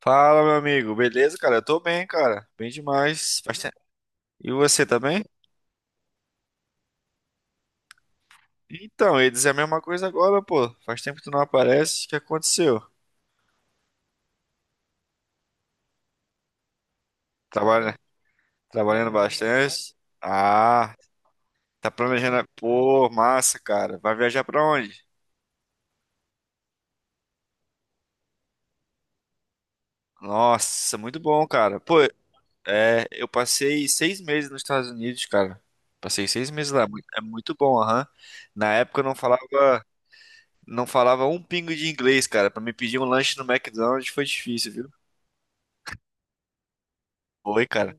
Fala, meu amigo. Beleza, cara? Eu tô bem, cara. Bem demais. Faz tempo. E você tá bem? Então, eu ia dizer a mesma coisa agora, pô. Faz tempo que tu não aparece. O que aconteceu? Trabalha... Trabalhando bastante. Ah, tá planejando. Pô, massa, cara. Vai viajar pra onde? Nossa, muito bom, cara. Pô, é, eu passei 6 meses nos Estados Unidos, cara. Passei seis meses lá. É muito bom, aham. Na época eu não falava um pingo de inglês, cara. Pra me pedir um lanche no McDonald's foi difícil, viu? Foi, cara.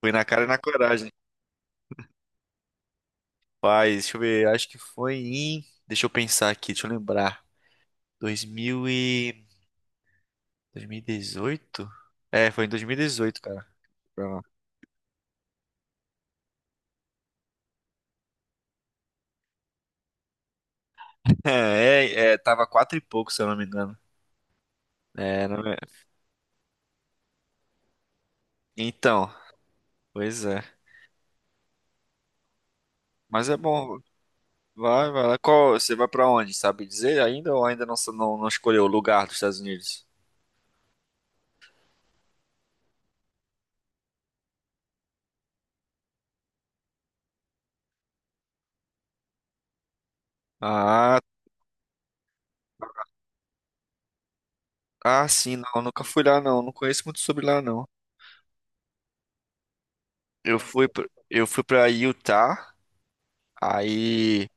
Foi na cara e na coragem. Rapaz, deixa eu ver. Acho que foi em. Deixa eu pensar aqui, deixa eu lembrar. 2000 e... 2018. É, foi em 2018, cara. Pra lá. É, é, tava quatro e pouco, se eu não me engano. É, não é- Então, pois é. Mas é bom. Vai, vai lá. Qual, você vai pra onde, sabe dizer ainda ou ainda não, escolheu o lugar dos Estados Unidos? Ah, ah, sim, não, nunca fui lá não conheço muito sobre lá não. Eu fui para Utah. Aí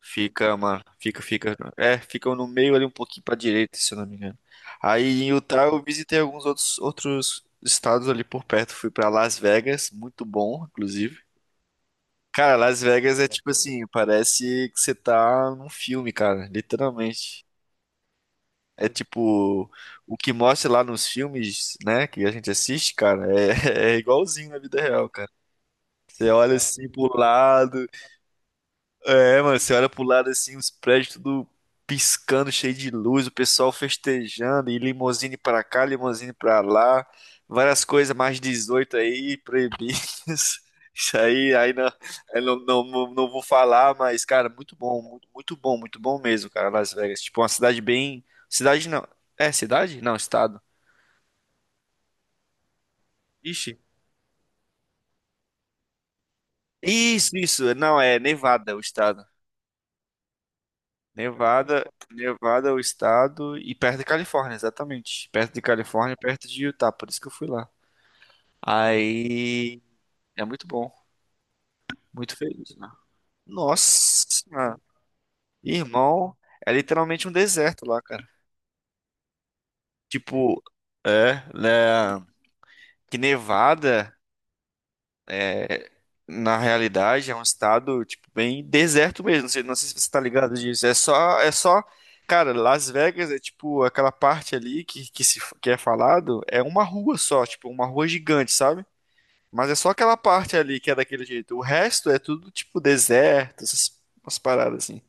fica, mano, fica no meio ali um pouquinho pra direita, se eu não me engano. Aí em Utah eu visitei alguns outros estados ali por perto, fui pra Las Vegas, muito bom, inclusive. Cara, Las Vegas é tipo assim, parece que você tá num filme, cara, literalmente. É tipo, o que mostra lá nos filmes, né, que a gente assiste, cara, é, é igualzinho na vida real, cara. Você olha assim pro lado, É, mano, você olha pro lado assim, os prédios tudo piscando, cheio de luz, o pessoal festejando, e limousine pra cá, limousine pra lá, várias coisas mais 18 aí, proibidas. Isso aí, não vou falar, mas, cara, muito bom mesmo, cara, Las Vegas. Tipo, uma cidade bem. Cidade não. É, cidade? Não, estado. Ixi. Isso, isso. Não, é Nevada, o estado. Nevada, Nevada é o estado e perto de Califórnia, exatamente. Perto de Califórnia, perto de Utah, por isso que eu fui lá. Aí é muito bom, muito feliz, né? Nossa, irmão, é literalmente um deserto lá, cara. Tipo, é, né? Que Nevada. É, na realidade, é um estado, tipo, bem deserto mesmo. Não sei, se você tá ligado disso. É só, cara, Las Vegas é tipo aquela parte ali que se que é falado, é uma rua só, tipo, uma rua gigante, sabe? Mas é só aquela parte ali que é daquele jeito. O resto é tudo tipo deserto, essas umas paradas assim.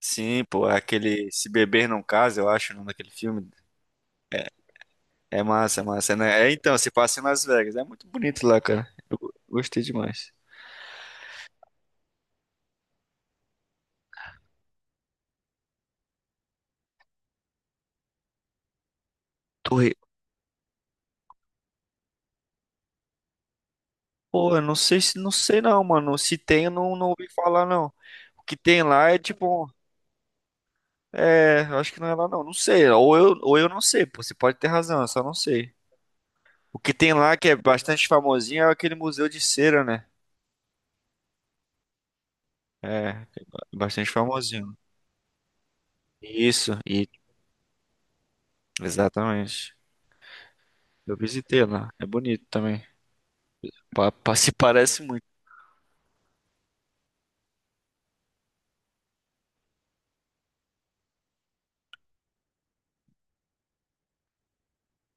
Sim, pô, é aquele Se Beber Não Case, eu acho, o nome daquele filme. É massa, né? É, então, se passa em Las Vegas. É muito bonito lá, cara. Eu gostei demais. Torre, Pô, eu não sei se não sei não, mano. Se tem, eu não ouvi falar não. O que tem lá é tipo, eu acho que não é lá não. Não sei. Ou eu não sei, pô. Você pode ter razão, eu só não sei. O que tem lá que é bastante famosinho é aquele museu de cera, né? É, bastante famosinho. Isso, e exatamente. Eu visitei lá. É bonito também. Se parece muito.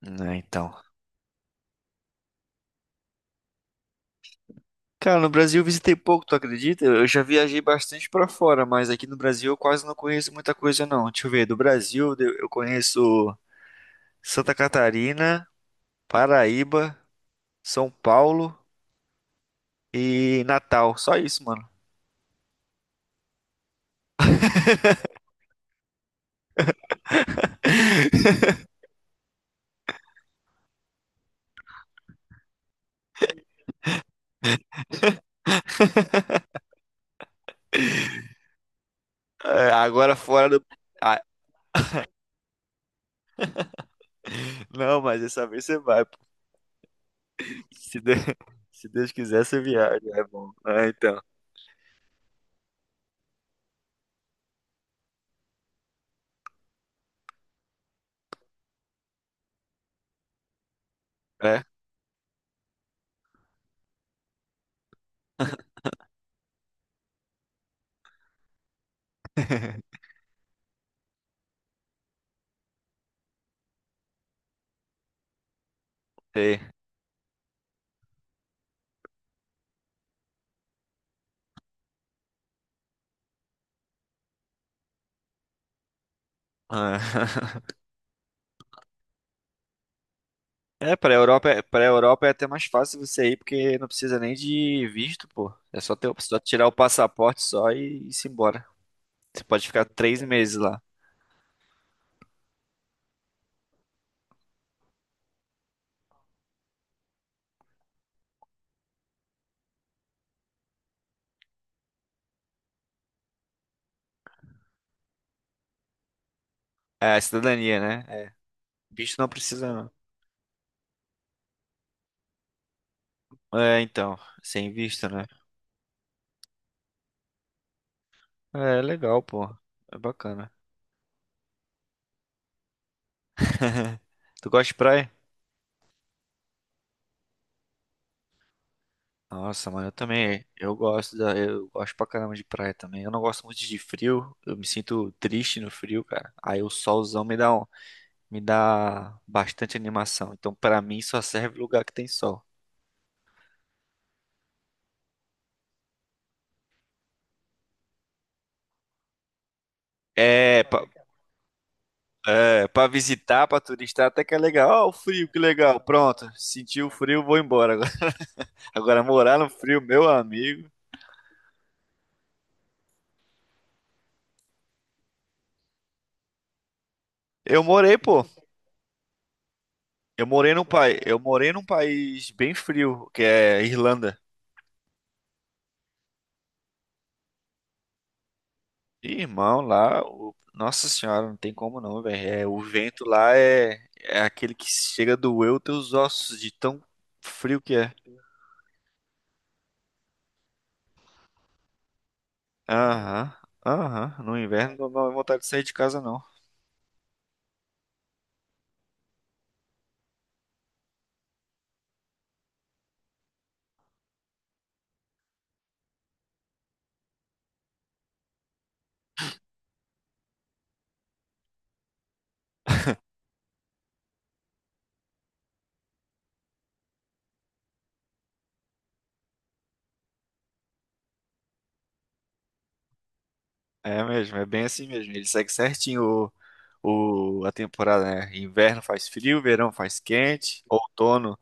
Né, então. Cara, no Brasil eu visitei pouco, tu acredita? Eu já viajei bastante pra fora, mas aqui no Brasil eu quase não conheço muita coisa não. Deixa eu ver, do Brasil eu conheço Santa Catarina, Paraíba, São Paulo e Natal. Só isso, mano. É, agora fora do. Ah, não, mas dessa vez você vai, pô. Se Deus, se Deus quiser, você viaja. É bom. Ah, então. É? Sei. Ah. É, pra Europa é até mais fácil você ir, porque não precisa nem de visto, pô. É só, só tirar o passaporte só e se embora. Você pode ficar 3 meses lá. É, a cidadania, né? É. Visto não precisa, não. É, então. Sem visto, né? É, legal, pô. É bacana. Tu gosta de praia? Nossa, mano, eu também. Eu gosto pra caramba de praia também. Eu não gosto muito de frio. Eu me sinto triste no frio, cara. Aí o solzão me dá bastante animação. Então, pra mim, só serve lugar que tem sol. É, pra, é, pra visitar, pra turistar, até que é legal. Ó, o frio, que legal. Pronto, senti o frio, vou embora. Agora, agora, morar no frio, meu amigo. Eu morei, pô. Eu morei num país bem frio, que é Irlanda. Ih, Irmão, lá, nossa senhora, não tem como não, velho. É, o vento lá é aquele que chega a doer os teus ossos de tão frio que é. Aham, aham. No inverno não dá vontade de sair de casa, não. É mesmo, é bem assim mesmo. Ele segue certinho a temporada, né? Inverno faz frio, verão faz quente, outono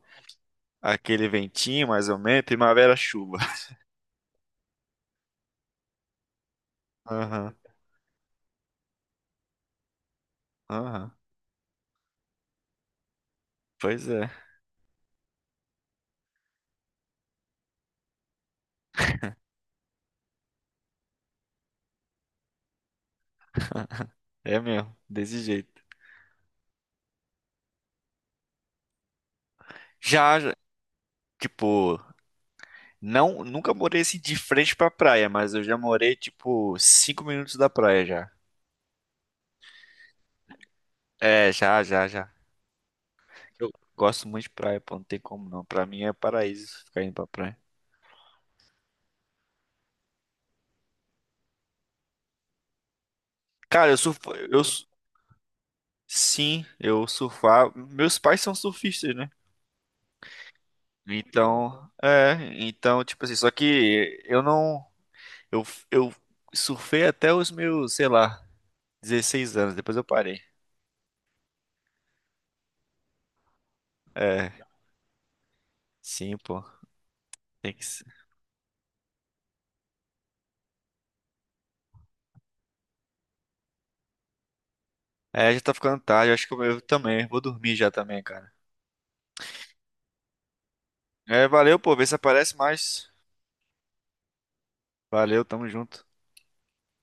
aquele ventinho mais ou menos, primavera chuva. Aham, aham. Pois é, é mesmo, desse jeito. Já, já, tipo, não, nunca morei assim de frente pra praia, mas eu já morei, tipo, 5 minutos da praia já. É, já, já, já. Eu gosto muito de praia, pô, não tem como não. Pra mim é paraíso ficar indo pra praia. Cara, eu surfo, sim, eu surfar. Meus pais são surfistas, né? Então, é, então, tipo assim, só que eu não, eu, eu surfei até os meus, sei lá, 16 anos, depois eu parei. É, sim, pô, tem que ser. É, já tá ficando tarde, acho que eu também, vou dormir já também, cara. É, valeu, pô, vê se aparece mais. Valeu, tamo junto.